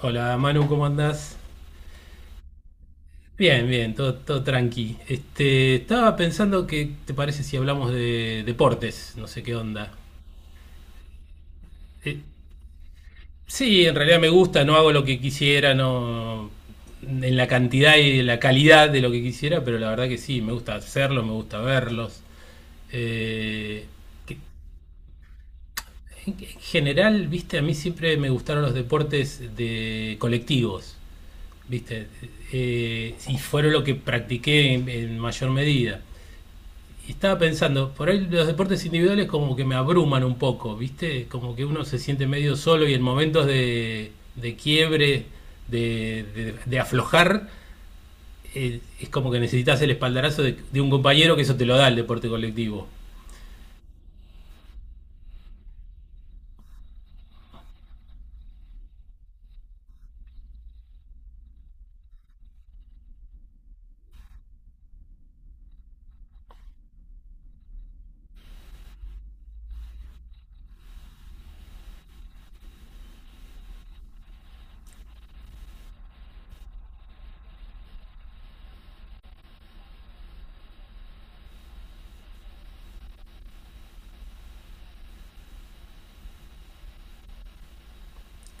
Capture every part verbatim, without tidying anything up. Hola Manu, ¿cómo andás? Bien, bien, todo, todo tranqui. Este, estaba pensando, que te parece si hablamos de deportes? No sé qué onda. Eh, sí, en realidad me gusta. No hago lo que quisiera, no en la cantidad y en la calidad de lo que quisiera, pero la verdad que sí, me gusta hacerlo, me gusta verlos. Eh, que- en en general, viste, a mí siempre me gustaron los deportes de colectivos, viste. Eh, y fueron lo que practiqué en en mayor medida. Y estaba pensando, por ahí los deportes individuales como que me abruman un poco, ¿viste? Como que uno se siente medio solo y en momentos de, de quiebre, de, de- de aflojar, eh, es como que necesitas el espaldarazo de, de un compañero, que eso te lo da el deporte colectivo.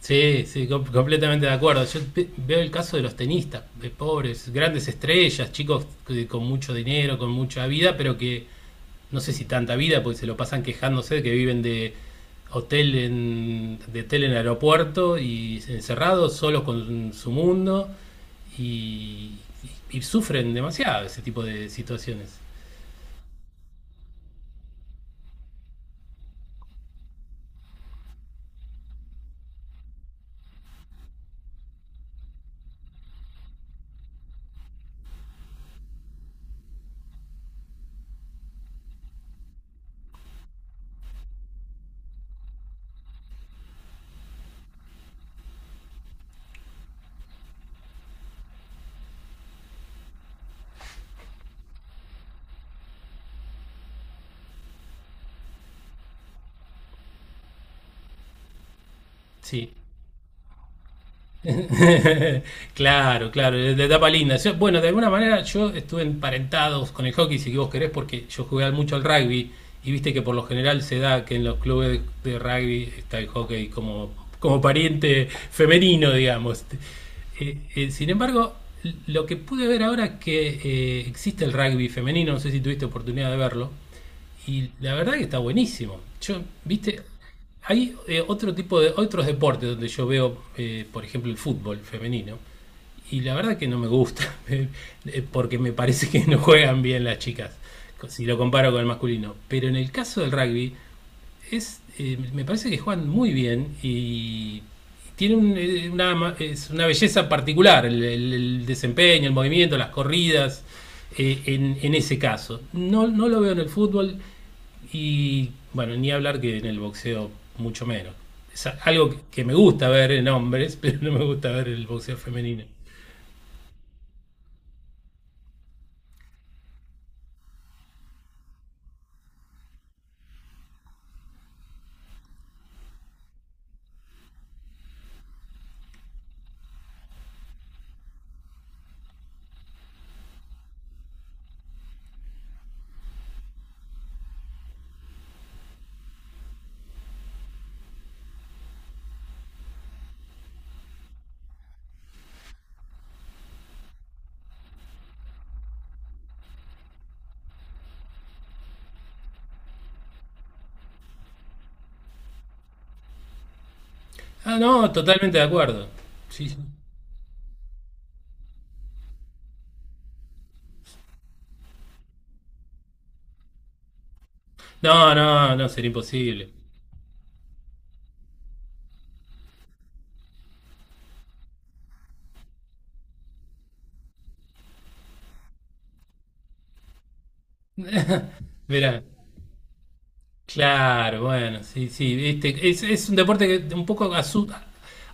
Sí, sí, com- completamente de acuerdo. Yo pe- veo el caso de los tenistas, de pobres grandes estrellas, chicos que- con mucho dinero, con mucha vida, pero que no sé si tanta vida, porque se lo pasan quejándose de que viven de hotel en, de hotel en el aeropuerto y encerrados, solos con su mundo y, y, y sufren demasiado ese tipo de situaciones. Sí. claro, claro, de etapa linda. Yo- bueno, de alguna manera yo estuve emparentado con el hockey, si vos querés, porque yo jugué mucho al rugby y viste que por lo general se da que en los clubes de rugby está el hockey como, como pariente femenino, digamos. Eh, eh, sin embargo, lo que pude ver ahora es que eh, existe el rugby femenino. No sé si tuviste oportunidad de verlo. Y la verdad que está buenísimo. Yo, viste, hay eh, otro tipo de otros deportes donde yo veo, eh, por ejemplo, el fútbol femenino. Y la verdad que no me gusta, eh, porque me parece que no juegan bien las chicas, si lo comparo con el masculino. Pero en el caso del rugby, es, eh, me parece que juegan muy bien y tiene un- eh, una, ma- es una belleza particular el, el- el desempeño, el movimiento, las corridas eh, en, en ese caso. No, no lo veo en el fútbol, y bueno, ni hablar que en el boxeo mucho menos. Es algo que- que me gusta ver en hombres, pero no me gusta ver en el boxeo femenino. Ah, no, totalmente de acuerdo. Sí, sí. No, no, no, sería imposible. Verá. Claro, bueno, sí, sí, viste, es, es un deporte que un poco asusta,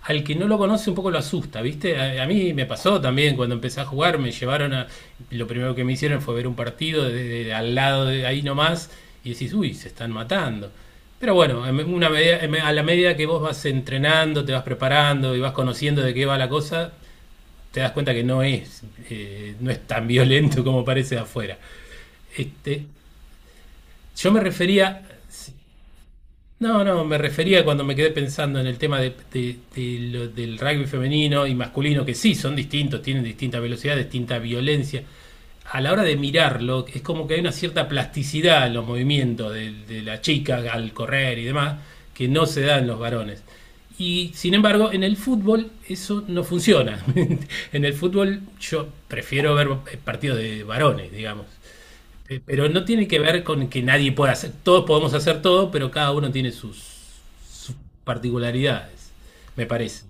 al que no lo conoce un poco lo asusta, viste. A, a mí me pasó también cuando empecé a jugar. Me llevaron a, lo primero que me hicieron fue ver un partido desde al lado de ahí nomás y decís, uy, se están matando. Pero bueno, en una medida- en- a la medida que vos vas entrenando, te vas preparando y vas conociendo de qué va la cosa, te das cuenta que no es, eh, no es tan violento como parece de afuera. Este, yo me refería, no, no, me refería cuando me quedé pensando en el tema de- de- de lo- del rugby femenino y masculino, que sí, son distintos, tienen distinta velocidad, distinta violencia. A la hora de mirarlo, es como que hay una cierta plasticidad en los movimientos de, de la chica al correr y demás, que no se da en los varones. Y sin embargo, en el fútbol eso no funciona. En el fútbol yo prefiero ver eh, partidos de varones, digamos. Eh, Pero no tiene que ver con que nadie pueda hacer, todos podemos hacer todo, pero cada uno tiene sus sus particularidades, me parece.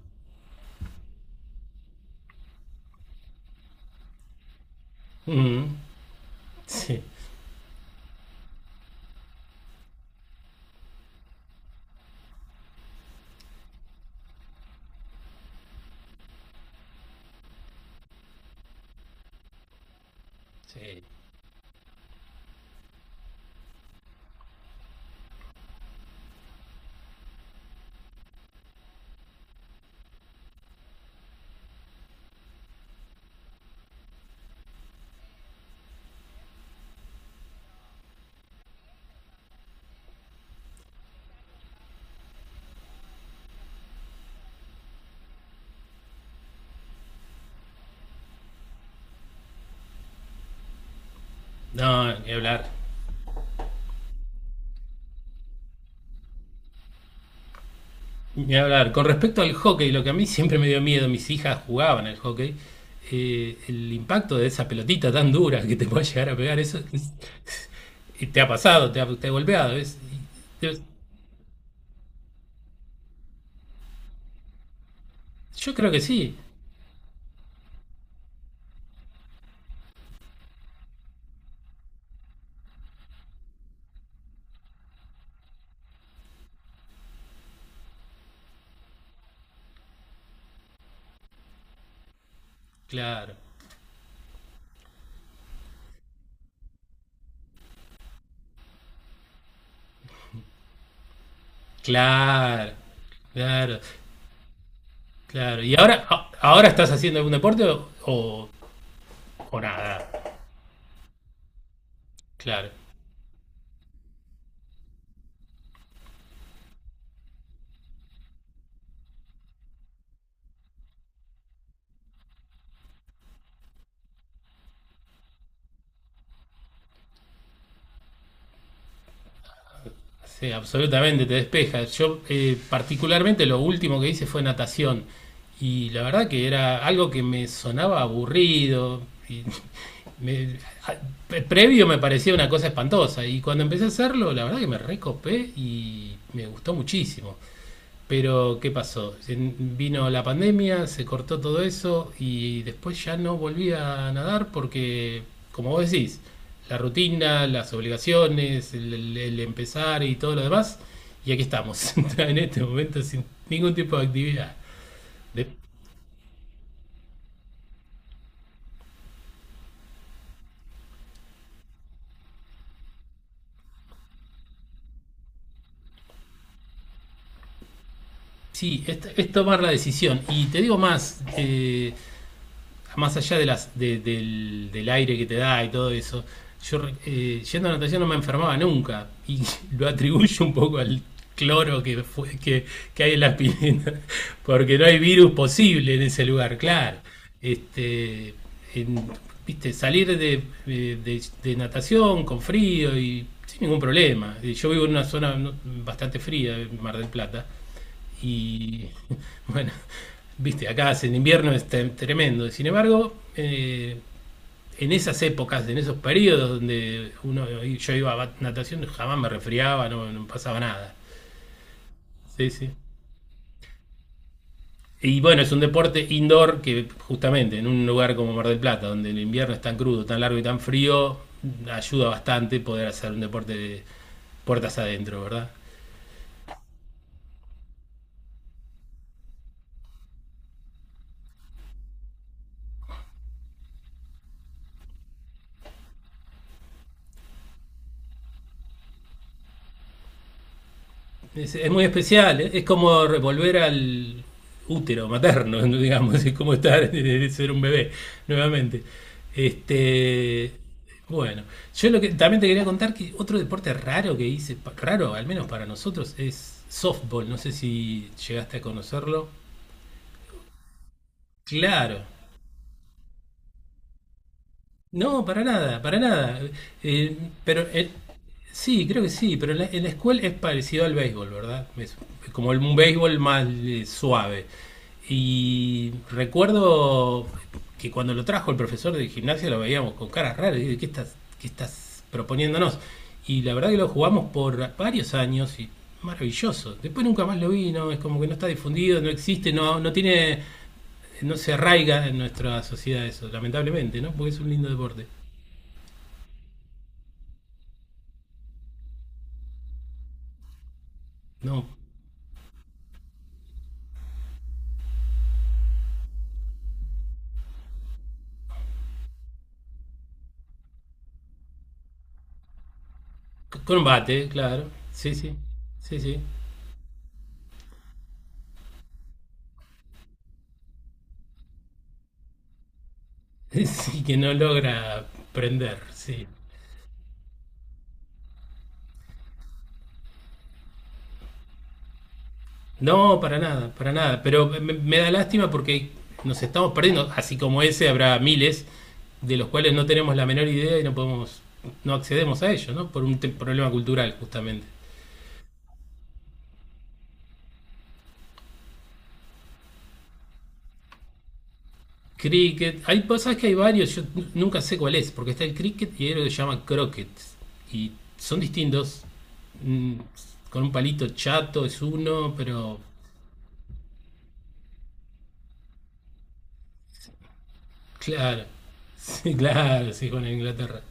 Mm, sí. Sí. No, ni hablar. Ni hablar. Con respecto al hockey, lo que a mí siempre me dio miedo, mis hijas jugaban al hockey, eh, el impacto de esa pelotita tan dura que te puede llegar a pegar, eso es- y te ha pasado, te ha, te ha golpeado. Es- y- te- yo creo que sí. Claro, claro, claro, claro. ¿Y ahora, a- ahora estás haciendo algún deporte o, o- o nada? Claro. Sí, absolutamente, te despeja. Yo eh, particularmente lo último que hice fue natación y la verdad que era algo que me sonaba aburrido. Y me- a- pre- previo me parecía una cosa espantosa y cuando empecé a hacerlo, la verdad que me recopé y me gustó muchísimo. Pero, ¿qué pasó? Vino la pandemia, se cortó todo eso y después ya no volví a nadar porque, como vos decís, la rutina, las obligaciones, el, el- el empezar y todo lo demás, y aquí estamos, en este momento sin ningún tipo de actividad. De- sí, es, es tomar la decisión. Y te digo más, eh, más allá de las, de- del, del aire que te da y todo eso, yo eh, yendo a natación no me enfermaba nunca y lo atribuyo un poco al cloro que, fue, que, que hay en las piletas, porque no hay virus posible en ese lugar, claro. Este, en- Viste, salir de, eh, de- de natación con frío y sin ningún problema. Eh, Yo vivo en una zona no, bastante fría, Mar del Plata, y bueno, viste, acá hace, el invierno es te- tremendo. Sin embargo, eh, en esas épocas, en esos periodos donde uno, yo iba a natación, jamás me resfriaba, no, no pasaba nada. Sí, sí. Y bueno, es un deporte indoor que justamente en un lugar como Mar del Plata, donde el invierno es tan crudo, tan largo y tan frío, ayuda bastante poder hacer un deporte de puertas adentro, ¿verdad? Es, es muy especial, ¿eh? Es como revolver al útero materno, digamos, es como estar, ser un bebé nuevamente. Este, bueno, yo lo que también te quería contar, que otro deporte raro que hice, pa- raro al menos para nosotros, es softball. No sé si llegaste a conocerlo. Claro, no, para nada, para nada. Eh, pero eh, sí, creo que sí, pero en la, en la escuela, es parecido al béisbol, ¿verdad? Es, es como el, un béisbol más eh, suave. Y recuerdo que cuando lo trajo el profesor de gimnasia, lo veíamos con caras raras, y dije, ¿qué estás, qué estás proponiéndonos? Y la verdad que lo jugamos por varios años y maravilloso. Después nunca más lo vi. No, es como que no está difundido, no existe, no, no tiene, no se arraiga en nuestra sociedad eso, lamentablemente, ¿no? Porque es un lindo deporte. No, C- combate, claro. Sí, sí, sí, sí. Sí, que no logra prender, sí. No, para nada, para nada. Pero me, me da lástima porque nos estamos perdiendo. Así como ese, habrá miles de los cuales no tenemos la menor idea y no podemos, no accedemos a ellos, ¿no? Por un te- problema cultural, justamente. Cricket, hay cosas que hay varios, yo n- nunca sé cuál es, porque está el cricket y hay lo que se llama croquet. Y son distintos. Mm, con un palito chato es uno, pero claro, sí, claro, sí, con Inglaterra.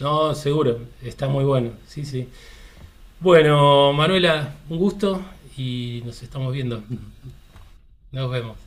No, seguro, está muy bueno, sí, sí. Bueno, Manuela, un gusto y nos estamos viendo. Nos vemos.